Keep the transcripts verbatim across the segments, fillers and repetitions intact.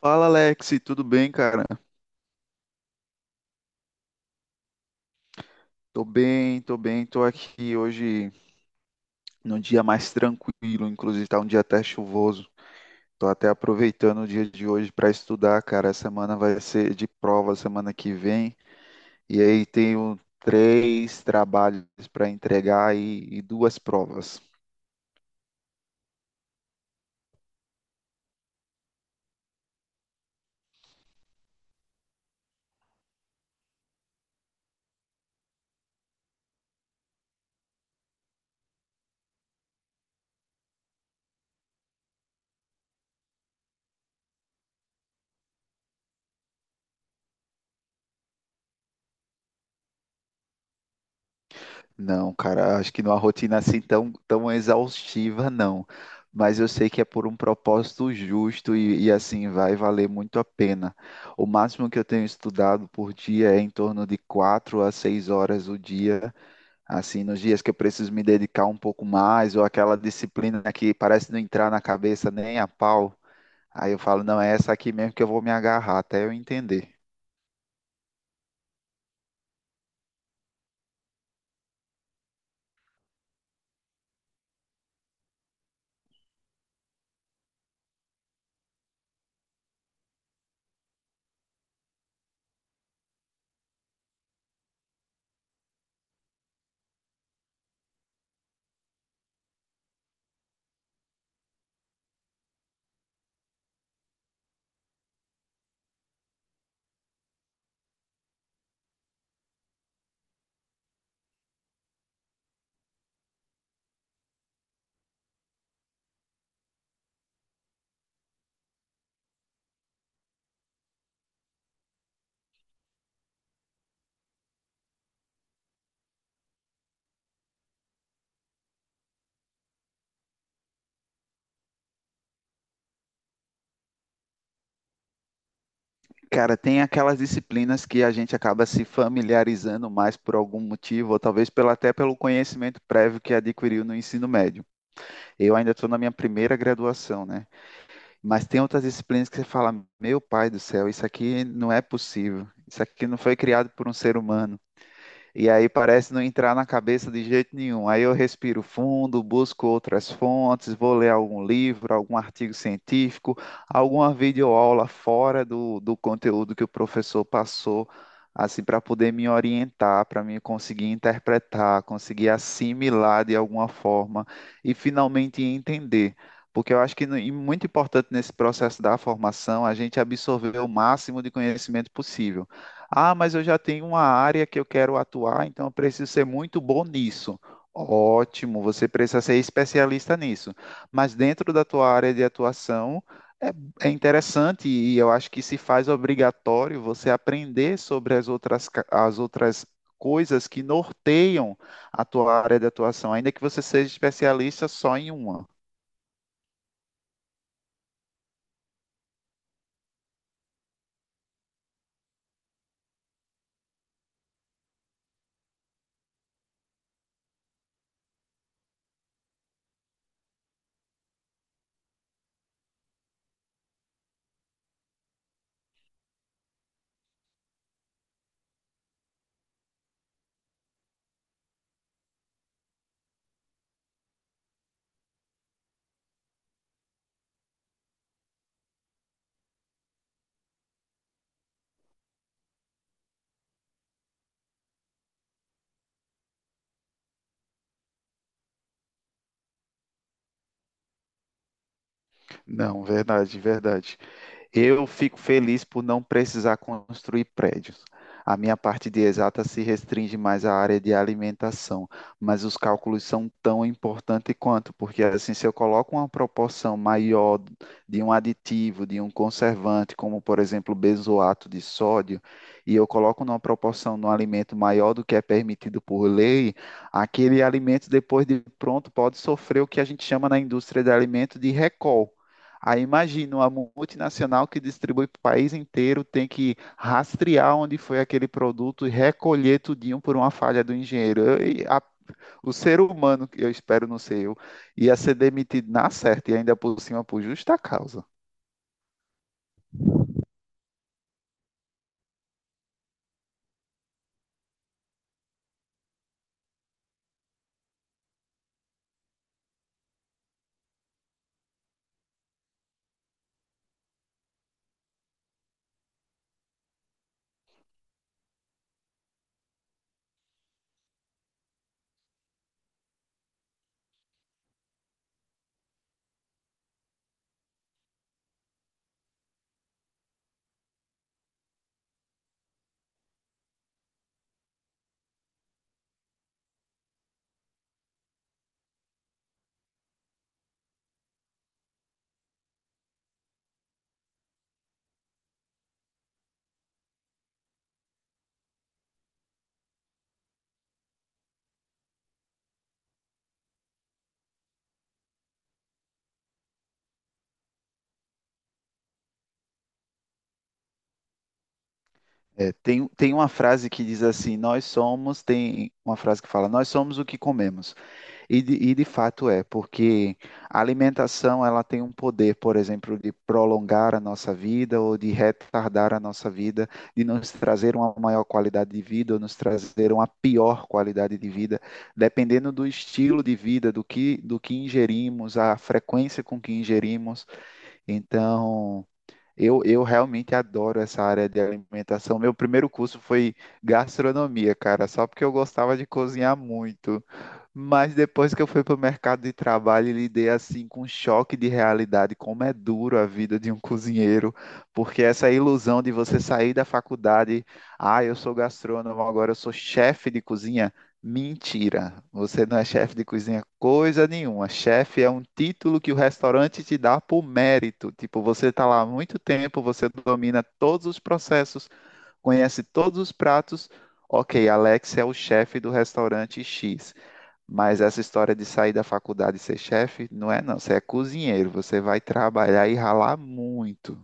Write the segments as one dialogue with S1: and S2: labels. S1: Fala Alex, tudo bem, cara? Tô bem, tô bem, tô aqui hoje num dia mais tranquilo, inclusive tá um dia até chuvoso. Tô até aproveitando o dia de hoje para estudar, cara. A semana vai ser de prova semana que vem. E aí tenho três trabalhos para entregar e, e duas provas. Não, cara, acho que numa rotina assim tão, tão exaustiva, não. Mas eu sei que é por um propósito justo e, e, assim vai valer muito a pena. O máximo que eu tenho estudado por dia é em torno de quatro a seis horas o dia. Assim, nos dias que eu preciso me dedicar um pouco mais, ou aquela disciplina que parece não entrar na cabeça nem a pau. Aí eu falo, não, é essa aqui mesmo que eu vou me agarrar até eu entender. Cara, tem aquelas disciplinas que a gente acaba se familiarizando mais por algum motivo, ou talvez pelo, até pelo conhecimento prévio que adquiriu no ensino médio. Eu ainda estou na minha primeira graduação, né? Mas tem outras disciplinas que você fala, meu pai do céu, isso aqui não é possível. Isso aqui não foi criado por um ser humano. E aí parece não entrar na cabeça de jeito nenhum. Aí eu respiro fundo, busco outras fontes, vou ler algum livro, algum artigo científico, alguma videoaula fora do, do conteúdo que o professor passou, assim, para poder me orientar, para mim conseguir interpretar, conseguir assimilar de alguma forma e finalmente entender. Porque eu acho que no- e muito importante nesse processo da formação a gente absorver o máximo de conhecimento possível. Ah, mas eu já tenho uma área que eu quero atuar, então eu preciso ser muito bom nisso. Ótimo, você precisa ser especialista nisso. Mas dentro da tua área de atuação é, é interessante e eu acho que se faz obrigatório você aprender sobre as outras, ca- as outras coisas que norteiam a tua área de atuação, ainda que você seja especialista só em uma. Não, verdade, verdade. Eu fico feliz por não precisar construir prédios. A minha parte de exata se restringe mais à área de alimentação, mas os cálculos são tão importantes quanto, porque assim, se eu coloco uma proporção maior de um aditivo, de um conservante, como por exemplo benzoato de sódio, e eu coloco numa proporção no alimento maior do que é permitido por lei, aquele alimento depois de pronto pode sofrer o que a gente chama na indústria de alimento de recall. Aí imagina uma multinacional que distribui para o país inteiro tem que rastrear onde foi aquele produto e recolher tudinho por uma falha do engenheiro. Eu- e a- o ser humano, que eu espero não ser eu, ia ser demitido na certa e ainda por cima por justa causa. É, tem, tem uma frase que diz assim: nós somos, tem uma frase que fala, nós somos o que comemos. E de, e de fato é, porque a alimentação ela tem um poder, por exemplo, de prolongar a nossa vida ou de retardar a nossa vida, de nos trazer uma maior qualidade de vida ou nos trazer uma pior qualidade de vida, dependendo do estilo de vida, do que, do que ingerimos, a frequência com que ingerimos. Então, eu, eu realmente adoro essa área de alimentação. Meu primeiro curso foi gastronomia, cara, só porque eu gostava de cozinhar muito. Mas depois que eu fui para o mercado de trabalho, e lidei assim com um choque de realidade, como é duro a vida de um cozinheiro, porque essa ilusão de você sair da faculdade, ah, eu sou gastrônomo, agora eu sou chefe de cozinha. Mentira, você não é chefe de cozinha coisa nenhuma. Chefe é um título que o restaurante te dá por mérito. Tipo, você está lá há muito tempo, você domina todos os processos, conhece todos os pratos. Ok, Alex é o chefe do restaurante X. Mas essa história de sair da faculdade e ser chefe, não é não. Você é cozinheiro, você vai trabalhar e ralar muito.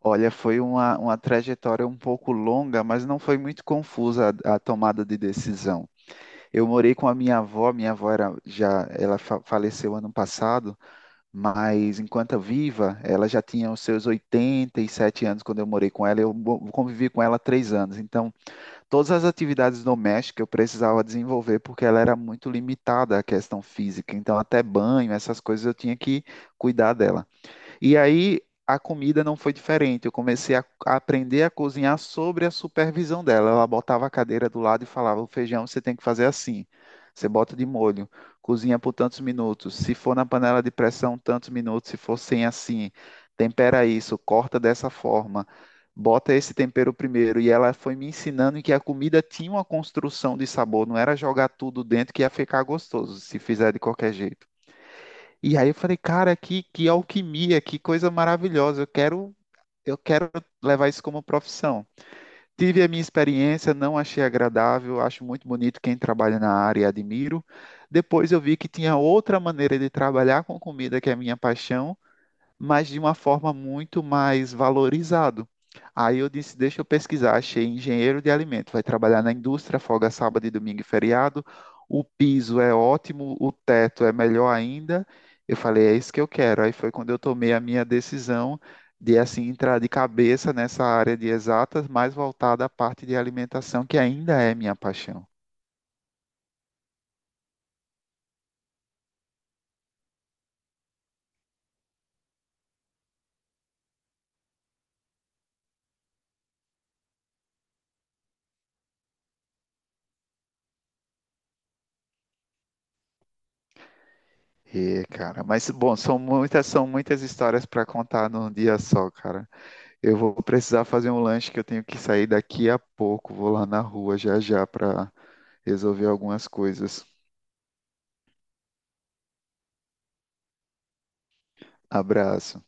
S1: Olha, foi uma, uma trajetória um pouco longa, mas não foi muito confusa a a tomada de decisão. Eu morei com a minha avó, minha avó era já, ela fa- faleceu ano passado, mas enquanto viva, ela já tinha os seus oitenta e sete anos quando eu morei com ela, eu mo- convivi com ela três anos. Então, todas as atividades domésticas eu precisava desenvolver porque ela era muito limitada à questão física. Então, até banho, essas coisas eu tinha que cuidar dela. E aí a comida não foi diferente. Eu comecei a, a aprender a cozinhar sobre a supervisão dela. Ela botava a cadeira do lado e falava: o feijão você tem que fazer assim. Você bota de molho, cozinha por tantos minutos. Se for na panela de pressão, tantos minutos. Se for sem assim, tempera isso, corta dessa forma. Bota esse tempero primeiro. E ela foi me ensinando que a comida tinha uma construção de sabor, não era jogar tudo dentro que ia ficar gostoso, se fizer de qualquer jeito. E aí eu falei, cara, que, que alquimia, que coisa maravilhosa. Eu quero, eu quero levar isso como profissão. Tive a minha experiência, não achei agradável, acho muito bonito quem trabalha na área e admiro. Depois eu vi que tinha outra maneira de trabalhar com comida, que é a minha paixão, mas de uma forma muito mais valorizado. Aí eu disse, deixa eu pesquisar, achei engenheiro de alimento, vai trabalhar na indústria, folga sábado e domingo e feriado, o piso é ótimo, o teto é melhor ainda. Eu falei, é isso que eu quero. Aí foi quando eu tomei a minha decisão de assim entrar de cabeça nessa área de exatas, mais voltada à parte de alimentação, que ainda é minha paixão. E, cara, mas bom, são muitas, são muitas histórias para contar num dia só, cara. Eu vou precisar fazer um lanche que eu tenho que sair daqui a pouco. Vou lá na rua já já para resolver algumas coisas. Abraço.